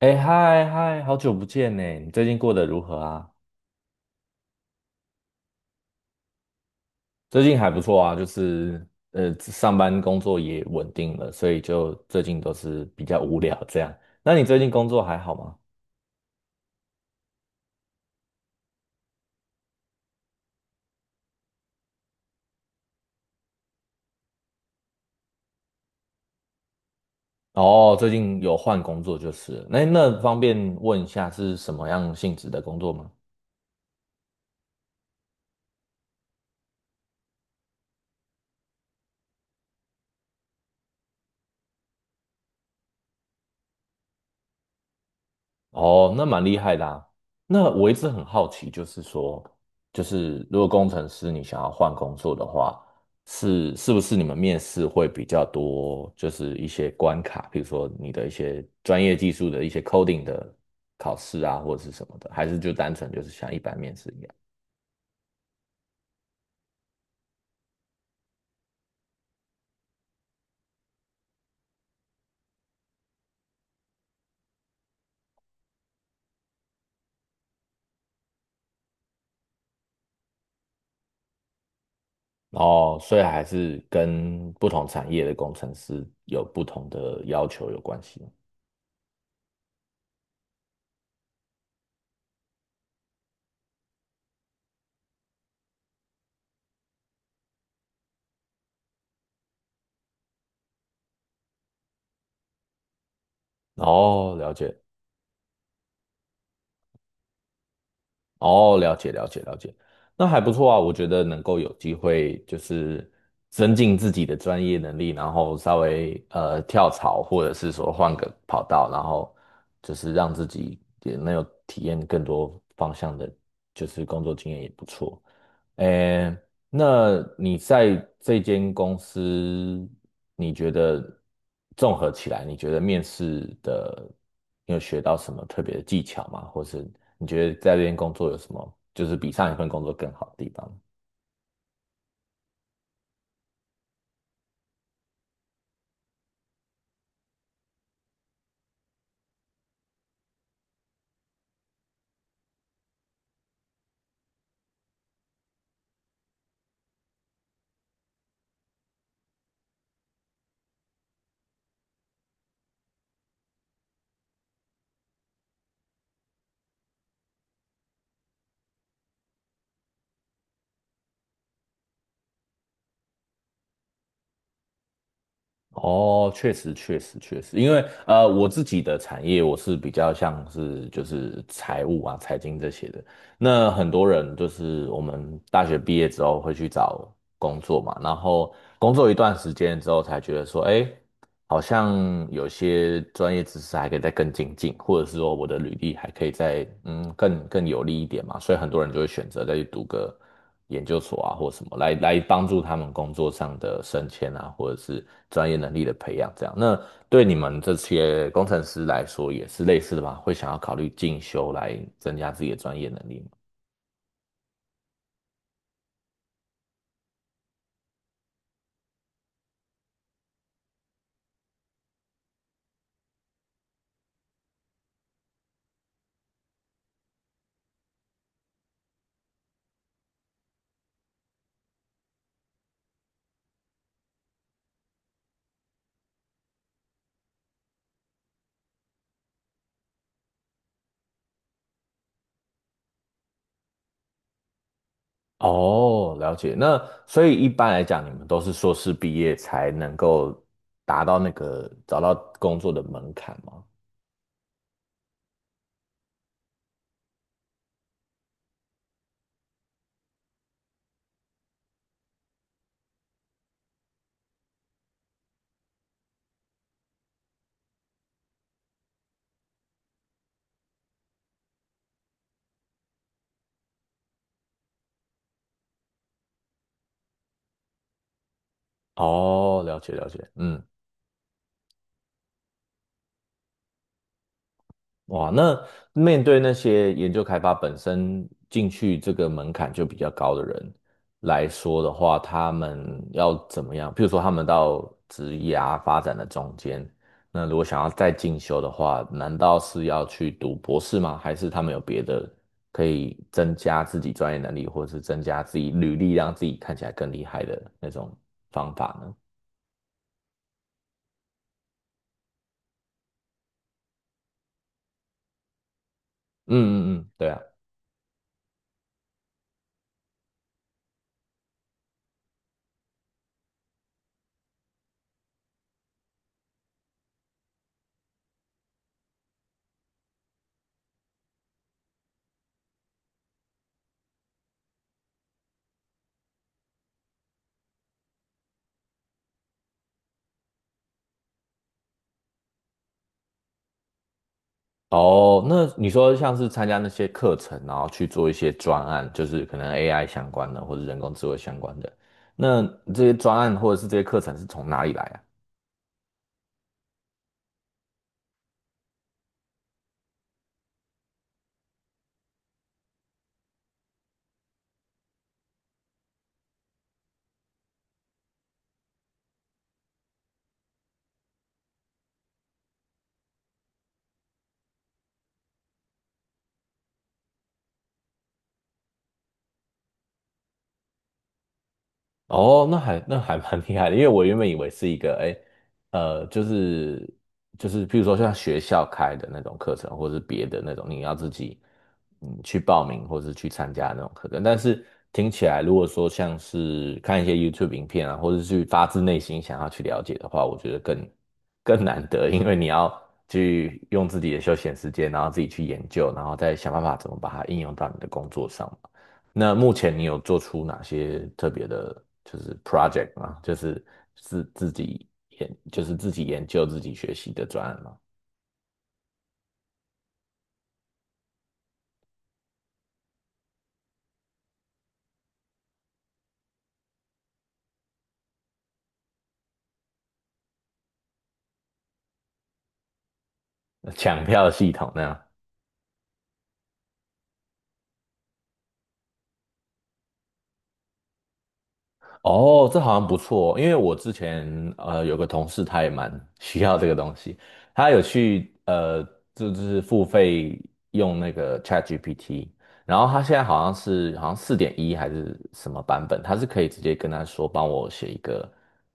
哎，嗨嗨，好久不见呢！你最近过得如何啊？最近还不错啊，就是上班工作也稳定了，所以就最近都是比较无聊这样。那你最近工作还好吗？哦，最近有换工作就是了，那方便问一下是什么样性质的工作吗？哦，那蛮厉害的啊。那我一直很好奇，就是说，就是如果工程师你想要换工作的话，是不是你们面试会比较多，就是一些关卡，比如说你的一些专业技术的一些 coding 的考试啊，或者是什么的，还是就单纯就是像一般面试一样？哦，所以还是跟不同产业的工程师有不同的要求有关系。哦，了解。哦，了解了解了解，那还不错啊，我觉得能够有机会就是增进自己的专业能力，然后稍微跳槽，或者是说换个跑道，然后就是让自己也能有体验更多方向的，就是工作经验也不错。诶，那你在这间公司，你觉得综合起来，你觉得面试的，你有学到什么特别的技巧吗？或是你觉得在这边工作有什么，就是比上一份工作更好的地方？哦，确实，确实，确实，因为我自己的产业我是比较像是就是财务啊、财经这些的。那很多人就是我们大学毕业之后会去找工作嘛，然后工作一段时间之后才觉得说，哎。好像有些专业知识还可以再更精进，或者是说我的履历还可以再更有利一点嘛，所以很多人就会选择再去读个研究所啊或什么来帮助他们工作上的升迁啊，或者是专业能力的培养这样。那对你们这些工程师来说也是类似的吧？会想要考虑进修来增加自己的专业能力吗？哦，了解。那所以一般来讲，你们都是硕士毕业才能够达到那个找到工作的门槛吗？哦，了解了解。嗯，哇，那面对那些研究开发本身进去这个门槛就比较高的人来说的话，他们要怎么样？譬如说，他们到职涯发展的中间，那如果想要再进修的话，难道是要去读博士吗？还是他们有别的可以增加自己专业能力，或者是增加自己履历，让自己看起来更厉害的那种方法呢？嗯嗯嗯，对啊。哦，那你说像是参加那些课程，然后去做一些专案，就是可能 AI 相关的或者人工智慧相关的，那这些专案或者是这些课程是从哪里来啊？哦，那还蛮厉害的，因为我原本以为是一个，哎，呃，就是就是，譬如说像学校开的那种课程，或是别的那种，你要自己去报名或是去参加那种课程。但是听起来，如果说像是看一些 YouTube 影片啊，或者是去发自内心想要去了解的话，我觉得更难得，因为你要去用自己的休闲时间，然后自己去研究，然后再想办法怎么把它应用到你的工作上。那目前你有做出哪些特别的，就是 project 吗？就是自自己研，就是自己研究、自己学习的专案吗？抢票系统那样？哦，这好像不错哦，因为我之前有个同事，他也蛮需要这个东西，他有去就是付费用那个 ChatGPT，然后他现在好像是好像4.1还是什么版本，他是可以直接跟他说帮我写一个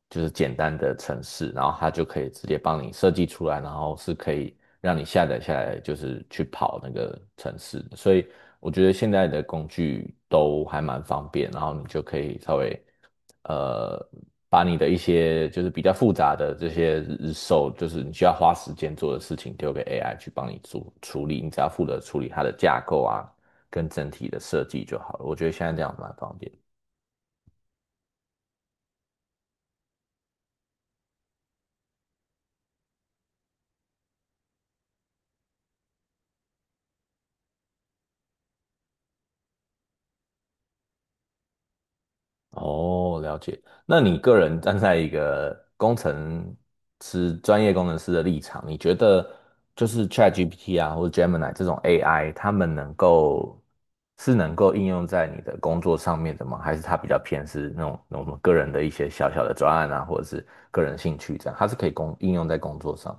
就是简单的程式，然后他就可以直接帮你设计出来，然后是可以让你下载下来，就是去跑那个程式的，所以我觉得现在的工具都还蛮方便，然后你就可以稍微呃把你的一些就是比较复杂的这些日售，就是你需要花时间做的事情，丢给 AI 去帮你做处理，你只要负责处理它的架构啊。跟整体的设计就好了。我觉得现在这样蛮方便。哦，了解。那你个人站在一个工程师、专业工程师的立场，你觉得就是 ChatGPT 啊，或者 Gemini 这种 AI，他们能够是能够应用在你的工作上面的吗？还是它比较偏是那种我们个人的一些小小的专案啊，或者是个人兴趣这样，它是可以应用在工作上？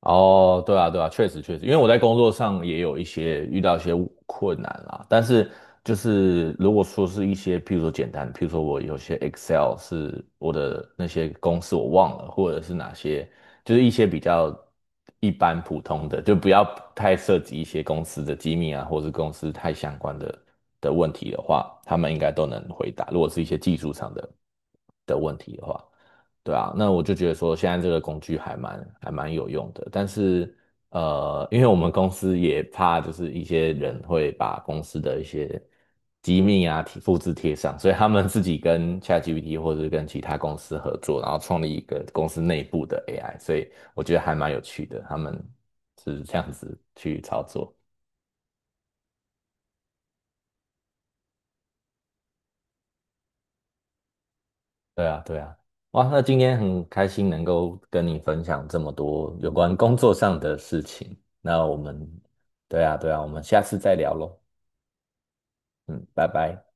哦，对啊，对啊，确实确实，因为我在工作上也有一些遇到一些困难啦，但是就是如果说是一些，譬如说简单，譬如说我有些 Excel 是我的那些公式我忘了，或者是哪些，就是一些比较一般普通的，就不要太涉及一些公司的机密啊，或是公司太相关的问题的话，他们应该都能回答。如果是一些技术上的问题的话。对啊，那我就觉得说现在这个工具还蛮有用的，但是因为我们公司也怕就是一些人会把公司的一些机密啊复制贴上，所以他们自己跟 ChatGPT 或者是跟其他公司合作，然后创立一个公司内部的 AI，所以我觉得还蛮有趣的，他们是这样子去操作。对啊，对啊，哇，那今天很开心能够跟你分享这么多有关工作上的事情。那我们，对啊，对啊，我们下次再聊喽。嗯，拜拜。